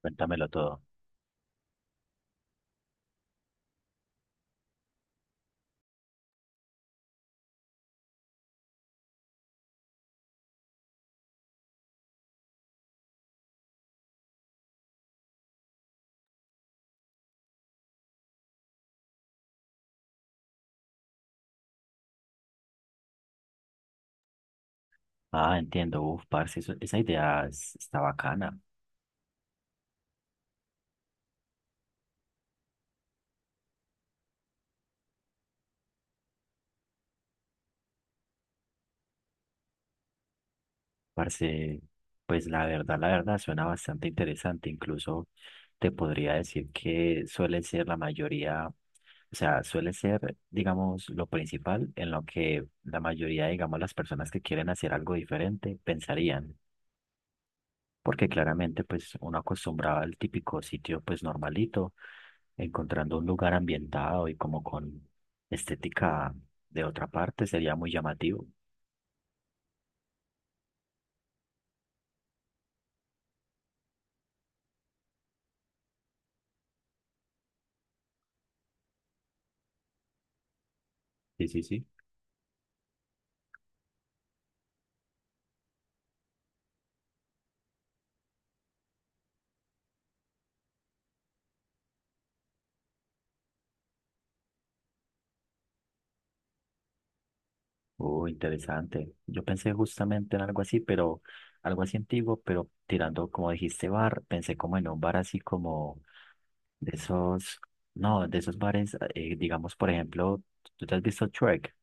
Cuéntamelo todo. Ah, entiendo. Uf, parce, esa idea está bacana. Parce, pues la verdad, suena bastante interesante. Incluso te podría decir que suele ser la mayoría, o sea, suele ser, digamos, lo principal en lo que la mayoría, digamos, las personas que quieren hacer algo diferente pensarían, porque claramente pues uno acostumbraba al típico sitio pues normalito, encontrando un lugar ambientado y como con estética de otra parte sería muy llamativo. Sí, sí, sí. Oh, interesante. Yo pensé justamente en algo así, pero algo así antiguo, pero tirando, como dijiste, bar, pensé como en un bar así como de esos, no, de esos bares, digamos, por ejemplo, ¿tú te has visto Shrek?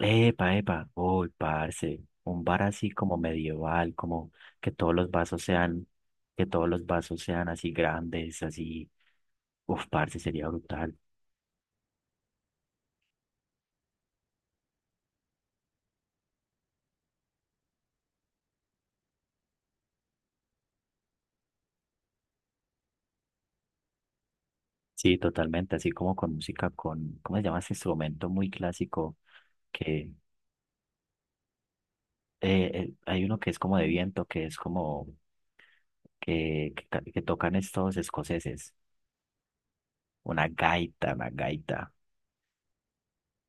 Epa, epa, uy, parce, un bar así como medieval, como que todos los vasos sean, que todos los vasos sean así grandes, así, uf, parce, sería brutal. Sí, totalmente, así como con música, con, ¿cómo se llama ese instrumento muy clásico? Que Hay uno que es como de viento, que es como, que tocan estos escoceses, una gaita, una gaita.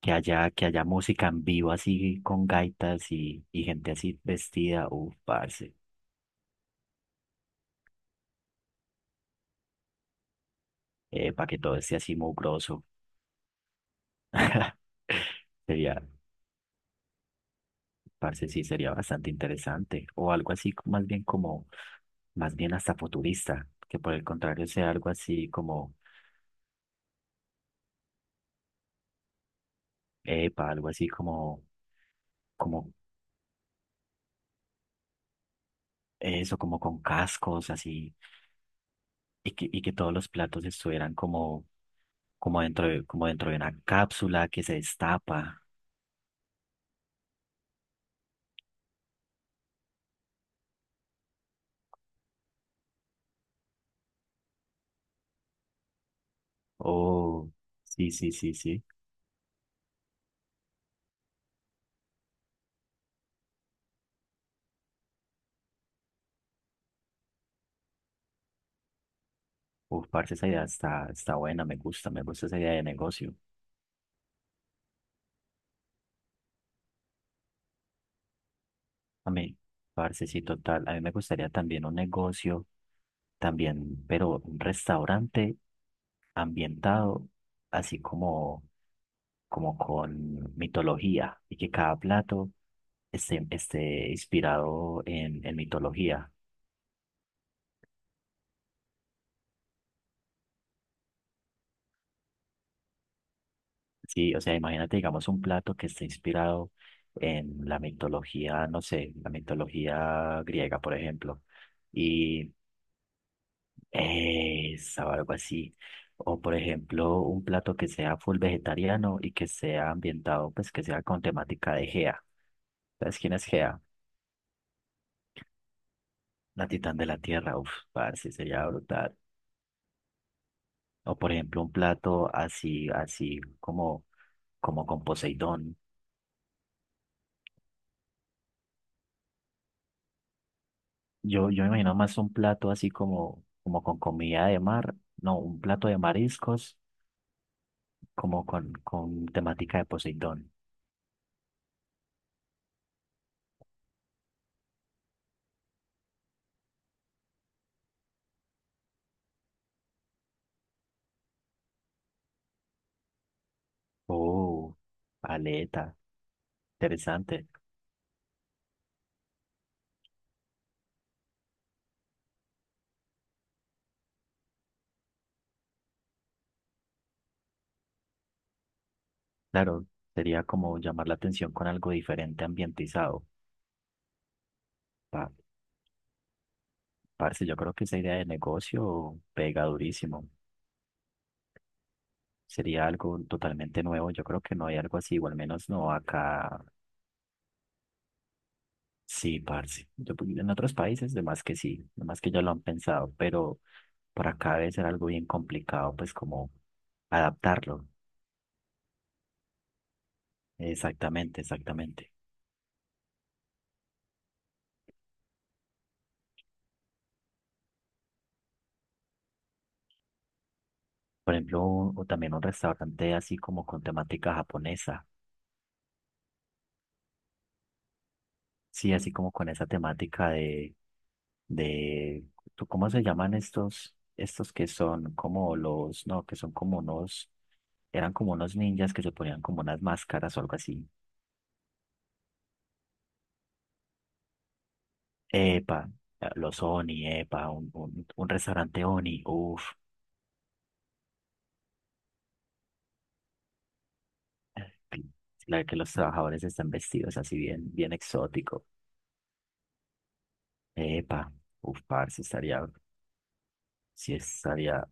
Que haya música en vivo así con gaitas y gente así vestida, uf, parce, para que todo esté así mugroso. Sería, parce, sí, sería bastante interesante. O algo así, más bien como, más bien hasta futurista, que por el contrario sea algo así como, epa, algo así como, como eso, como con cascos, así, y que todos los platos estuvieran como, como dentro de una cápsula que se destapa. Oh, sí, sí, sí, sí. Uf, parce, está buena, me gusta esa idea de negocio. A mí, parce, sí, total. A mí me gustaría también un negocio, también, pero un restaurante ambientado, así como, como con mitología, y que cada plato esté inspirado en mitología. Sí, o sea, imagínate, digamos, un plato que esté inspirado en la mitología, no sé, la mitología griega, por ejemplo, y, esa o algo así. O por ejemplo, un plato que sea full vegetariano y que sea ambientado, pues que sea con temática de Gea. ¿Sabes quién es Gea? La titán de la tierra. Uf, parce, sería brutal. O por ejemplo, un plato así, así como, como con Poseidón. Yo me imagino más un plato así como, como con comida de mar. No, un plato de mariscos como con temática de Poseidón. Oh, aleta. Interesante. Claro, sería como llamar la atención con algo diferente ambientizado. Pa- Parce, yo creo que esa idea de negocio pega durísimo. Sería algo totalmente nuevo. Yo creo que no hay algo así, o al menos no acá. Sí, parce. En otros países, de más que sí, de más que ya lo han pensado, pero para acá debe ser algo bien complicado, pues como adaptarlo. Exactamente, exactamente. Por ejemplo, o también un restaurante así como con temática japonesa. Sí, así como con esa temática de, ¿cómo se llaman estos? Estos que son como los, no, que son como unos, eran como unos ninjas que se ponían como unas máscaras o algo así. Epa, los Oni, epa, un restaurante Oni, uff, la que los trabajadores están vestidos así bien, bien exótico. Epa, uff, parce, estaría, sí estaría,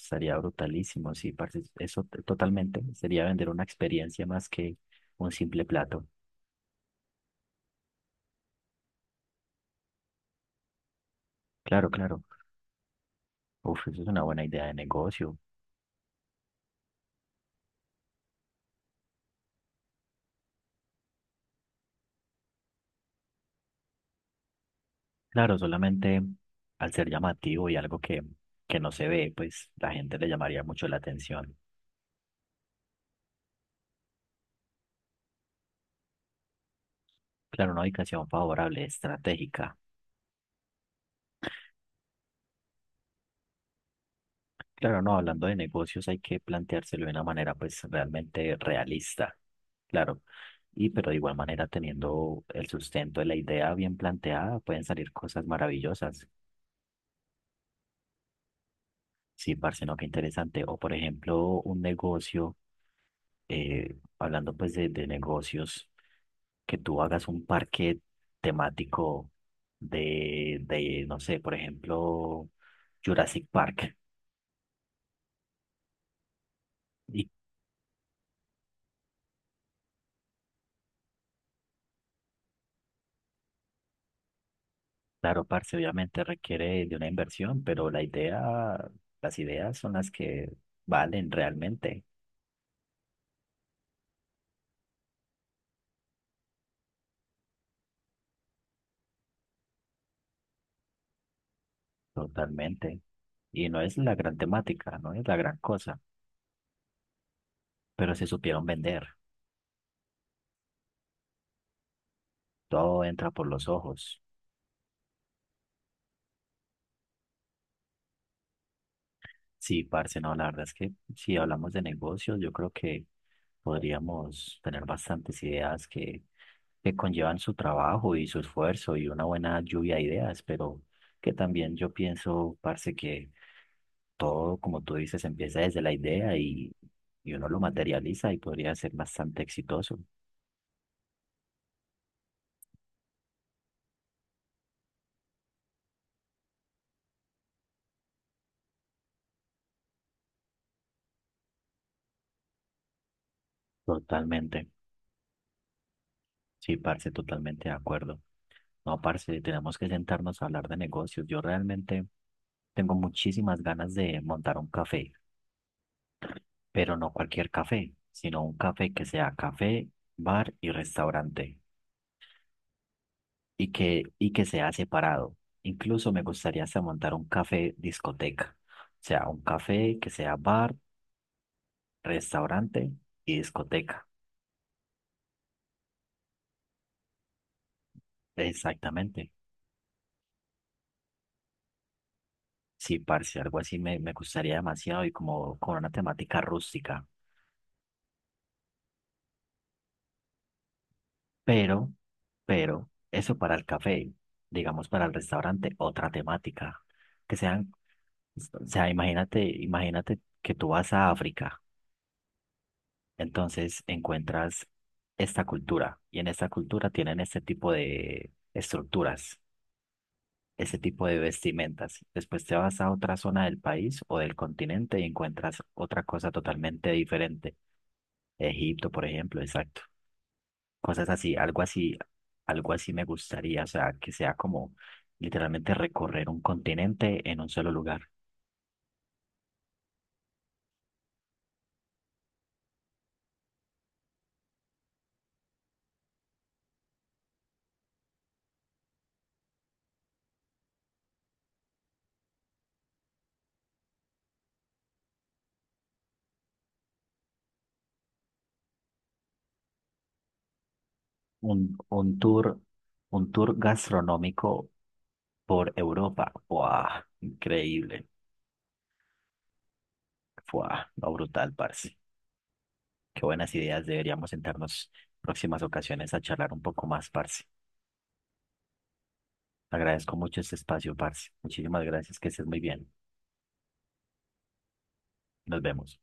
estaría brutalísimo, sí, parce, totalmente. Sería vender una experiencia más que un simple plato. Claro, claro. Uf, eso es una buena idea de negocio. Claro, solamente al ser llamativo y algo que no se ve, pues la gente le llamaría mucho la atención. Claro, una ubicación favorable, estratégica. Claro, no, hablando de negocios hay que planteárselo de una manera pues realmente realista. Claro. Y pero de igual manera, teniendo el sustento de la idea bien planteada, pueden salir cosas maravillosas. Sí, parce, no, qué interesante. O por ejemplo, un negocio, hablando pues de negocios, que tú hagas un parque temático de, no sé, por ejemplo, Jurassic Park. Y claro, parce, obviamente requiere de una inversión, pero la idea, las ideas son las que valen realmente, totalmente. Y no es la gran temática, no es la gran cosa, pero se supieron vender. Todo entra por los ojos. Sí, parce, no, la verdad es que si hablamos de negocios, yo creo que podríamos tener bastantes ideas que conllevan su trabajo y su esfuerzo y una buena lluvia de ideas, pero que también yo pienso, parce, que todo, como tú dices, empieza desde la idea y uno lo materializa y podría ser bastante exitoso. Totalmente, sí, parce, totalmente de acuerdo. No, parce, tenemos que sentarnos a hablar de negocios. Yo realmente tengo muchísimas ganas de montar un café, pero no cualquier café, sino un café que sea café, bar y restaurante, y que sea separado. Incluso me gustaría hasta montar un café discoteca, o sea, un café que sea bar, restaurante y discoteca. Exactamente. Sí, parce, algo así me gustaría demasiado y como con una temática rústica. Pero, pero, eso para el café, digamos para el restaurante, otra temática, que sean. O sea, imagínate, imagínate que tú vas a África, entonces encuentras esta cultura y en esta cultura tienen este tipo de estructuras, ese tipo de vestimentas. Después te vas a otra zona del país o del continente y encuentras otra cosa totalmente diferente. Egipto, por ejemplo, exacto. Cosas así, algo así, algo así me gustaría, o sea, que sea como literalmente recorrer un continente en un solo lugar. Un tour, un tour gastronómico por Europa. ¡Wow! Increíble. ¡Wow! No, brutal, parce. Qué buenas ideas. Deberíamos sentarnos próximas ocasiones a charlar un poco más, parce. Agradezco mucho este espacio, parce. Muchísimas gracias. Que estés muy bien. Nos vemos.